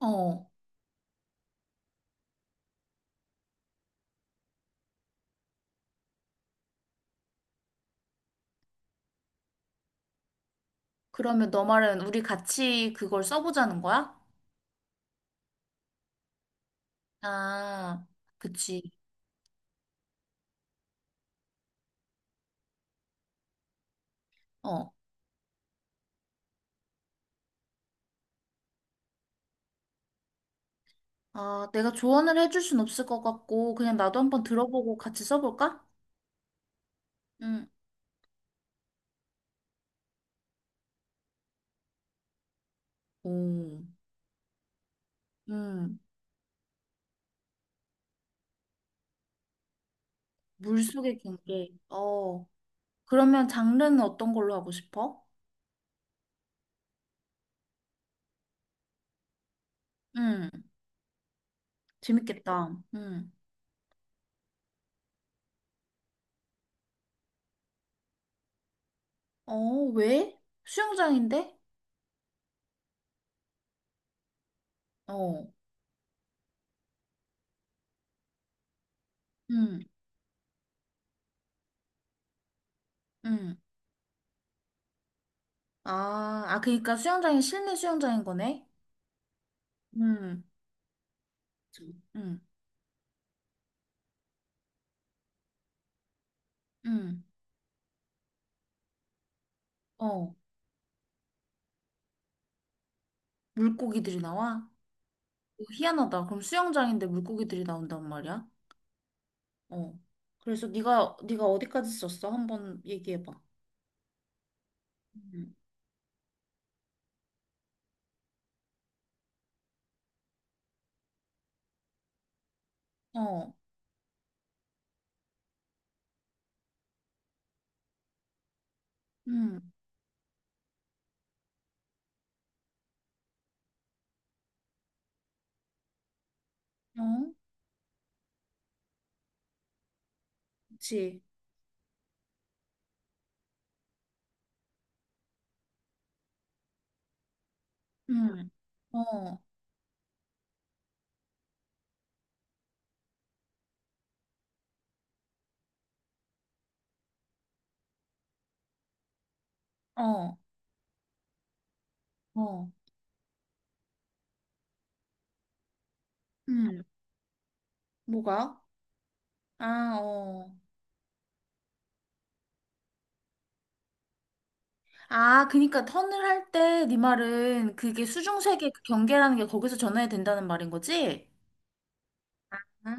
어, 그러면 너 말은 우리 같이 그걸 써보자는 거야? 아, 그치. 어. 아, 내가 조언을 해줄 순 없을 것 같고, 그냥 나도 한번 들어보고 같이 써볼까? 응. 오, 음, 물속의 경계. 어, 그러면 장르는 어떤 걸로 하고 싶어? 응, 재밌겠다. 응. 어, 왜? 수영장인데? 어, 응, 응. 아, 아, 그러니까 수영장이 실내 수영장인 거네? 응. 응, 응. 어, 물고기들이 나와? 어, 희한하다. 그럼 수영장인데 물고기들이 나온단 말이야? 어. 그래서 네가 어디까지 썼어? 한번 얘기해 봐. 음. 어. 음. 어? 그치. 음. 어. 어. 어. 음. 뭐가? 아, 어. 아, 그니까 턴을 할 때 네 말은 그게 수중세계 그 경계라는 게 거기서 전해야 된다는 말인 거지? 아,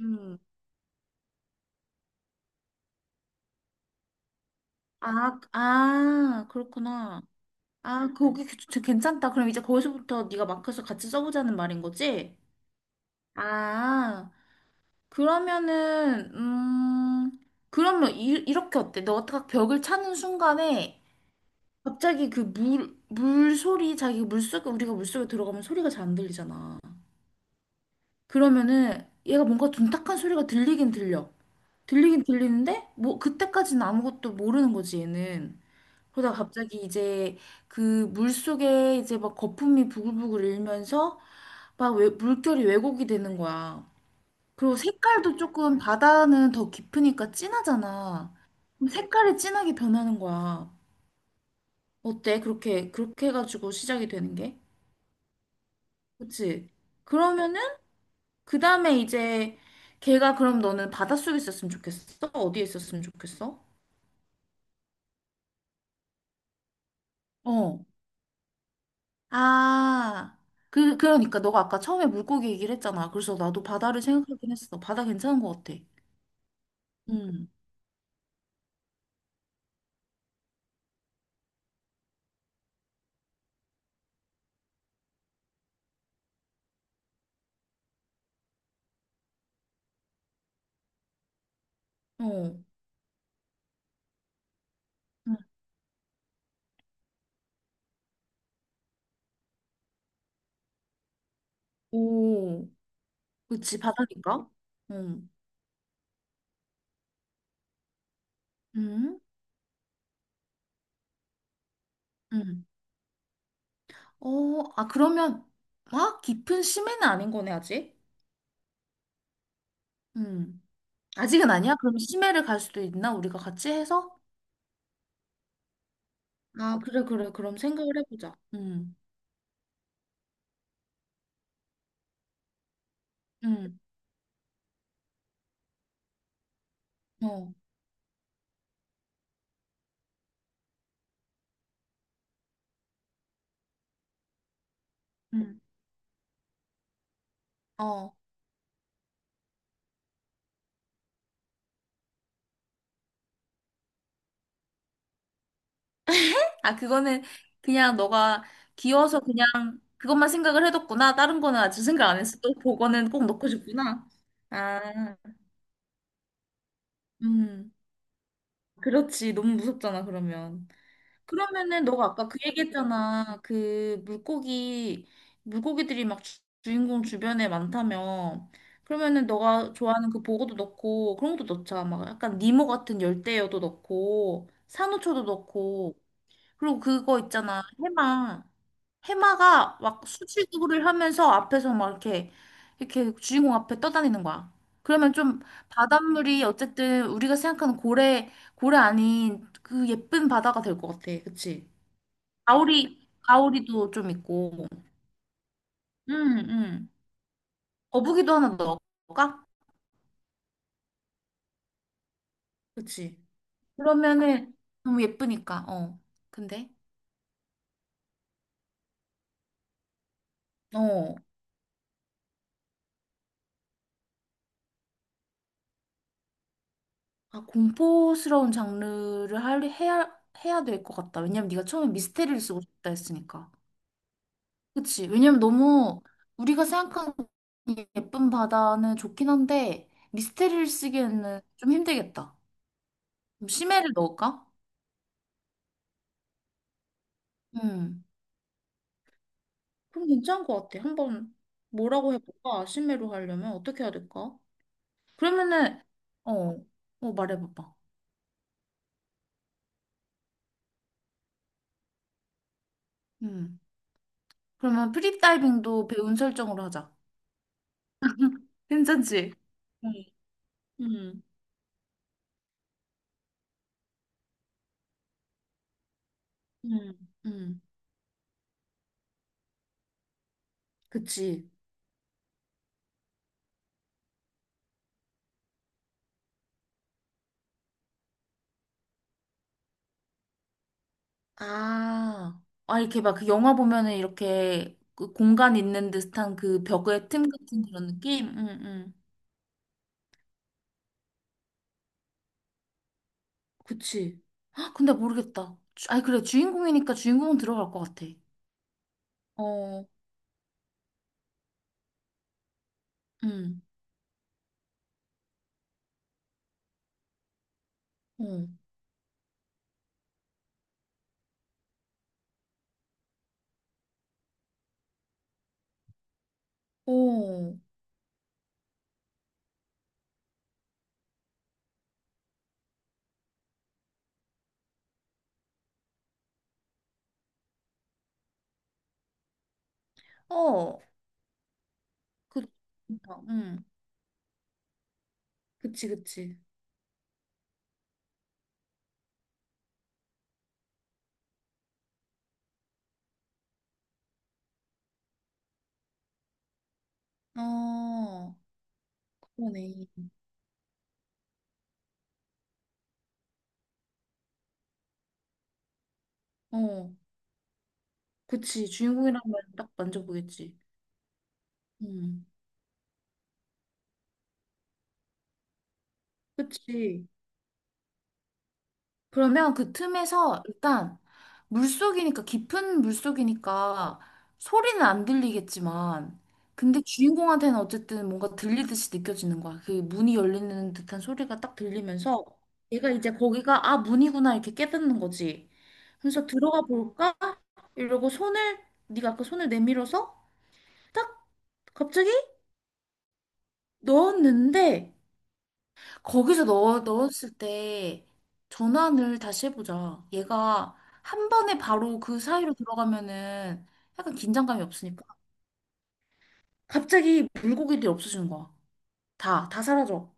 음. 아, 아, 그렇구나. 아, 거기 괜찮다. 그럼 이제 거기서부터 네가 마크서 같이 써보자는 말인 거지? 아, 그러면은 그러면 이렇게 어때? 너가 딱 벽을 차는 순간에 갑자기 그 물 소리, 자기 물속에, 우리가 물속에 들어가면 소리가 잘 안 들리잖아. 그러면은 얘가 뭔가 둔탁한 소리가 들리긴 들려. 들리긴 들리는데 뭐 그때까지는 아무것도 모르는 거지, 얘는. 그러다가 갑자기 이제 그 물속에 이제 막 거품이 부글부글 일면서 막 왜, 물결이 왜곡이 되는 거야. 그리고 색깔도 조금, 바다는 더 깊으니까 진하잖아. 그럼 색깔이 진하게 변하는 거야. 어때? 그렇게, 그렇게 해가지고 시작이 되는 게? 그치? 그러면은, 그 다음에 이제, 걔가 그럼 너는 바닷속에 있었으면 좋겠어? 어디에 있었으면 좋겠어? 어. 아, 그러니까 너가 아까 처음에 물고기 얘기를 했잖아. 그래서 나도 바다를 생각하긴 했어. 바다 괜찮은 것 같아. 응. 어. 응. 오. 그치, 바다니까? 응, 응? 응. 어, 아, 그러면 막 깊은 심해는 아닌 거네, 아직? 응. 아직은 아니야? 그럼 심해를 갈 수도 있나? 우리가 같이 해서? 아, 그래, 그래. 그럼 생각을 해보자. 응. 응, 어. 응. 어. 아, 그거는 그냥 너가 귀여워서 그냥 그것만 생각을 해뒀구나. 다른 거는 아직 생각 안 했어. 또 그거는 꼭 넣고 싶구나. 아, 음. 그렇지. 너무 무섭잖아, 그러면. 그러면은 너가 아까 그 얘기했잖아. 그 물고기, 물고기들이 막 주인공 주변에 많다며. 그러면은 너가 좋아하는 그 보고도 넣고 그런 것도 넣자. 막 약간 니모 같은 열대어도 넣고 산호초도 넣고, 그리고 그거 있잖아. 해마. 해마가 막 수질구를 하면서 앞에서 막 이렇게, 이렇게 주인공 앞에 떠다니는 거야. 그러면 좀 바닷물이, 어쨌든 우리가 생각하는 고래, 고래 아닌 그 예쁜 바다가 될 것 같아. 그치? 가오리, 가오리도 좀 있고. 응, 응. 거북이도 하나 넣을까? 그치? 그러면은 너무 예쁘니까. 어. 근데. 어. 아, 공포스러운 장르를 해야, 해야 될 것 같다. 왜냐면 네가 처음에 미스테리를 쓰고 싶다 했으니까. 그치? 왜냐면 너무 우리가 생각하는 이 예쁜 바다는 좋긴 한데 미스테리를 쓰기에는 좀 힘들겠다. 그럼 심해를 넣을까? 음. 그럼 괜찮은 것 같아. 한번 뭐라고 해볼까? 심의로 하려면 어떻게 해야 될까? 그러면은, 어, 어, 말해봐봐. 음. 그러면 프리다이빙도 배운 설정으로 하자. 괜찮지? 응, 응, 응, 응. 그치. 아, 아, 이렇게 막 그 영화 보면은 이렇게 그 공간 있는 듯한 그 벽의 틈 같은 그런 느낌? 응, 응. 그치. 아, 근데 모르겠다. 아니, 그래. 주인공이니까 주인공은 들어갈 것 같아. 어, 응. 어. 오, 어, 그, 그러니까, 응, 그치, 그치. 어, 그러네. 어, 그치. 주인공이라면 딱 만져보겠지. 응, 그치. 그러면 그 틈에서 일단 물속이니까, 깊은 물속이니까 소리는 안 들리겠지만, 근데 주인공한테는 어쨌든 뭔가 들리듯이 느껴지는 거야. 그 문이 열리는 듯한 소리가 딱 들리면서 얘가 이제 거기가 아 문이구나 이렇게 깨닫는 거지. 그래서 들어가 볼까? 이러고 손을, 네가 아까 손을 내밀어서 딱 갑자기 넣었는데, 거기서 넣었을 때 전환을 다시 해보자. 얘가 한 번에 바로 그 사이로 들어가면은 약간 긴장감이 없으니까. 갑자기 물고기들이 없어지는 거야. 다 사라져.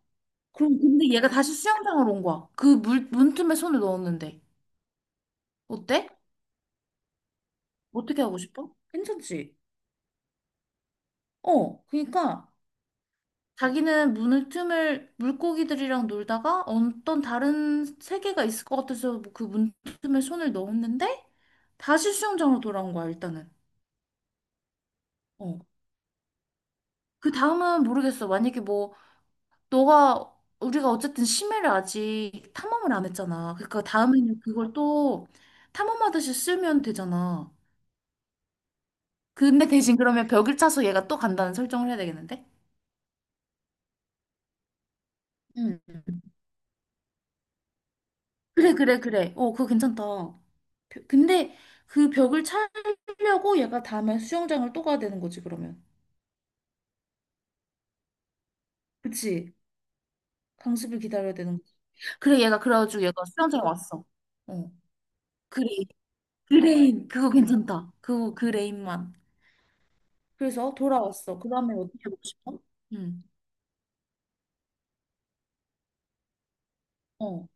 그럼 근데 얘가 다시 수영장으로 온 거야. 그 물, 문틈에 손을 넣었는데. 어때? 어떻게 하고 싶어? 괜찮지? 어, 그러니까 자기는 문을, 틈을 물고기들이랑 놀다가 어떤 다른 세계가 있을 것 같아서 그 문틈에 손을 넣었는데 다시 수영장으로 돌아온 거야, 일단은. 어. 그 다음은 모르겠어. 만약에 뭐 너가, 우리가 어쨌든 심해를 아직 탐험을 안 했잖아. 그러니까 다음에는 그걸 또 탐험하듯이 쓰면 되잖아. 근데 대신 그러면 벽을 차서 얘가 또 간다는 설정을 해야 되겠는데? 응. 그래, 그래, 그래. 어, 그거 괜찮다. 근데 그 벽을 차려고 얘가 다음에 수영장을 또 가야 되는 거지, 그러면. 그치? 강습을 기다려야 되는 거지. 그래, 얘가 그래가지고 얘가 수영장 왔어. 어. 그래, 그레인. 그거 괜찮다. 그레인만. 그래서 돌아왔어. 그 다음에 어떻게 하고 싶어? 응, 어,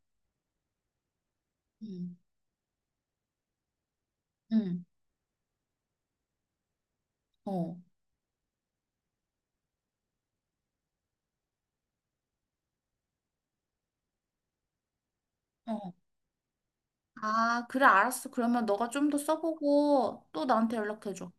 응, 응, 어, 어. 아, 그래, 알았어. 그러면 너가 좀 더 써보고 또 나한테 연락해줘.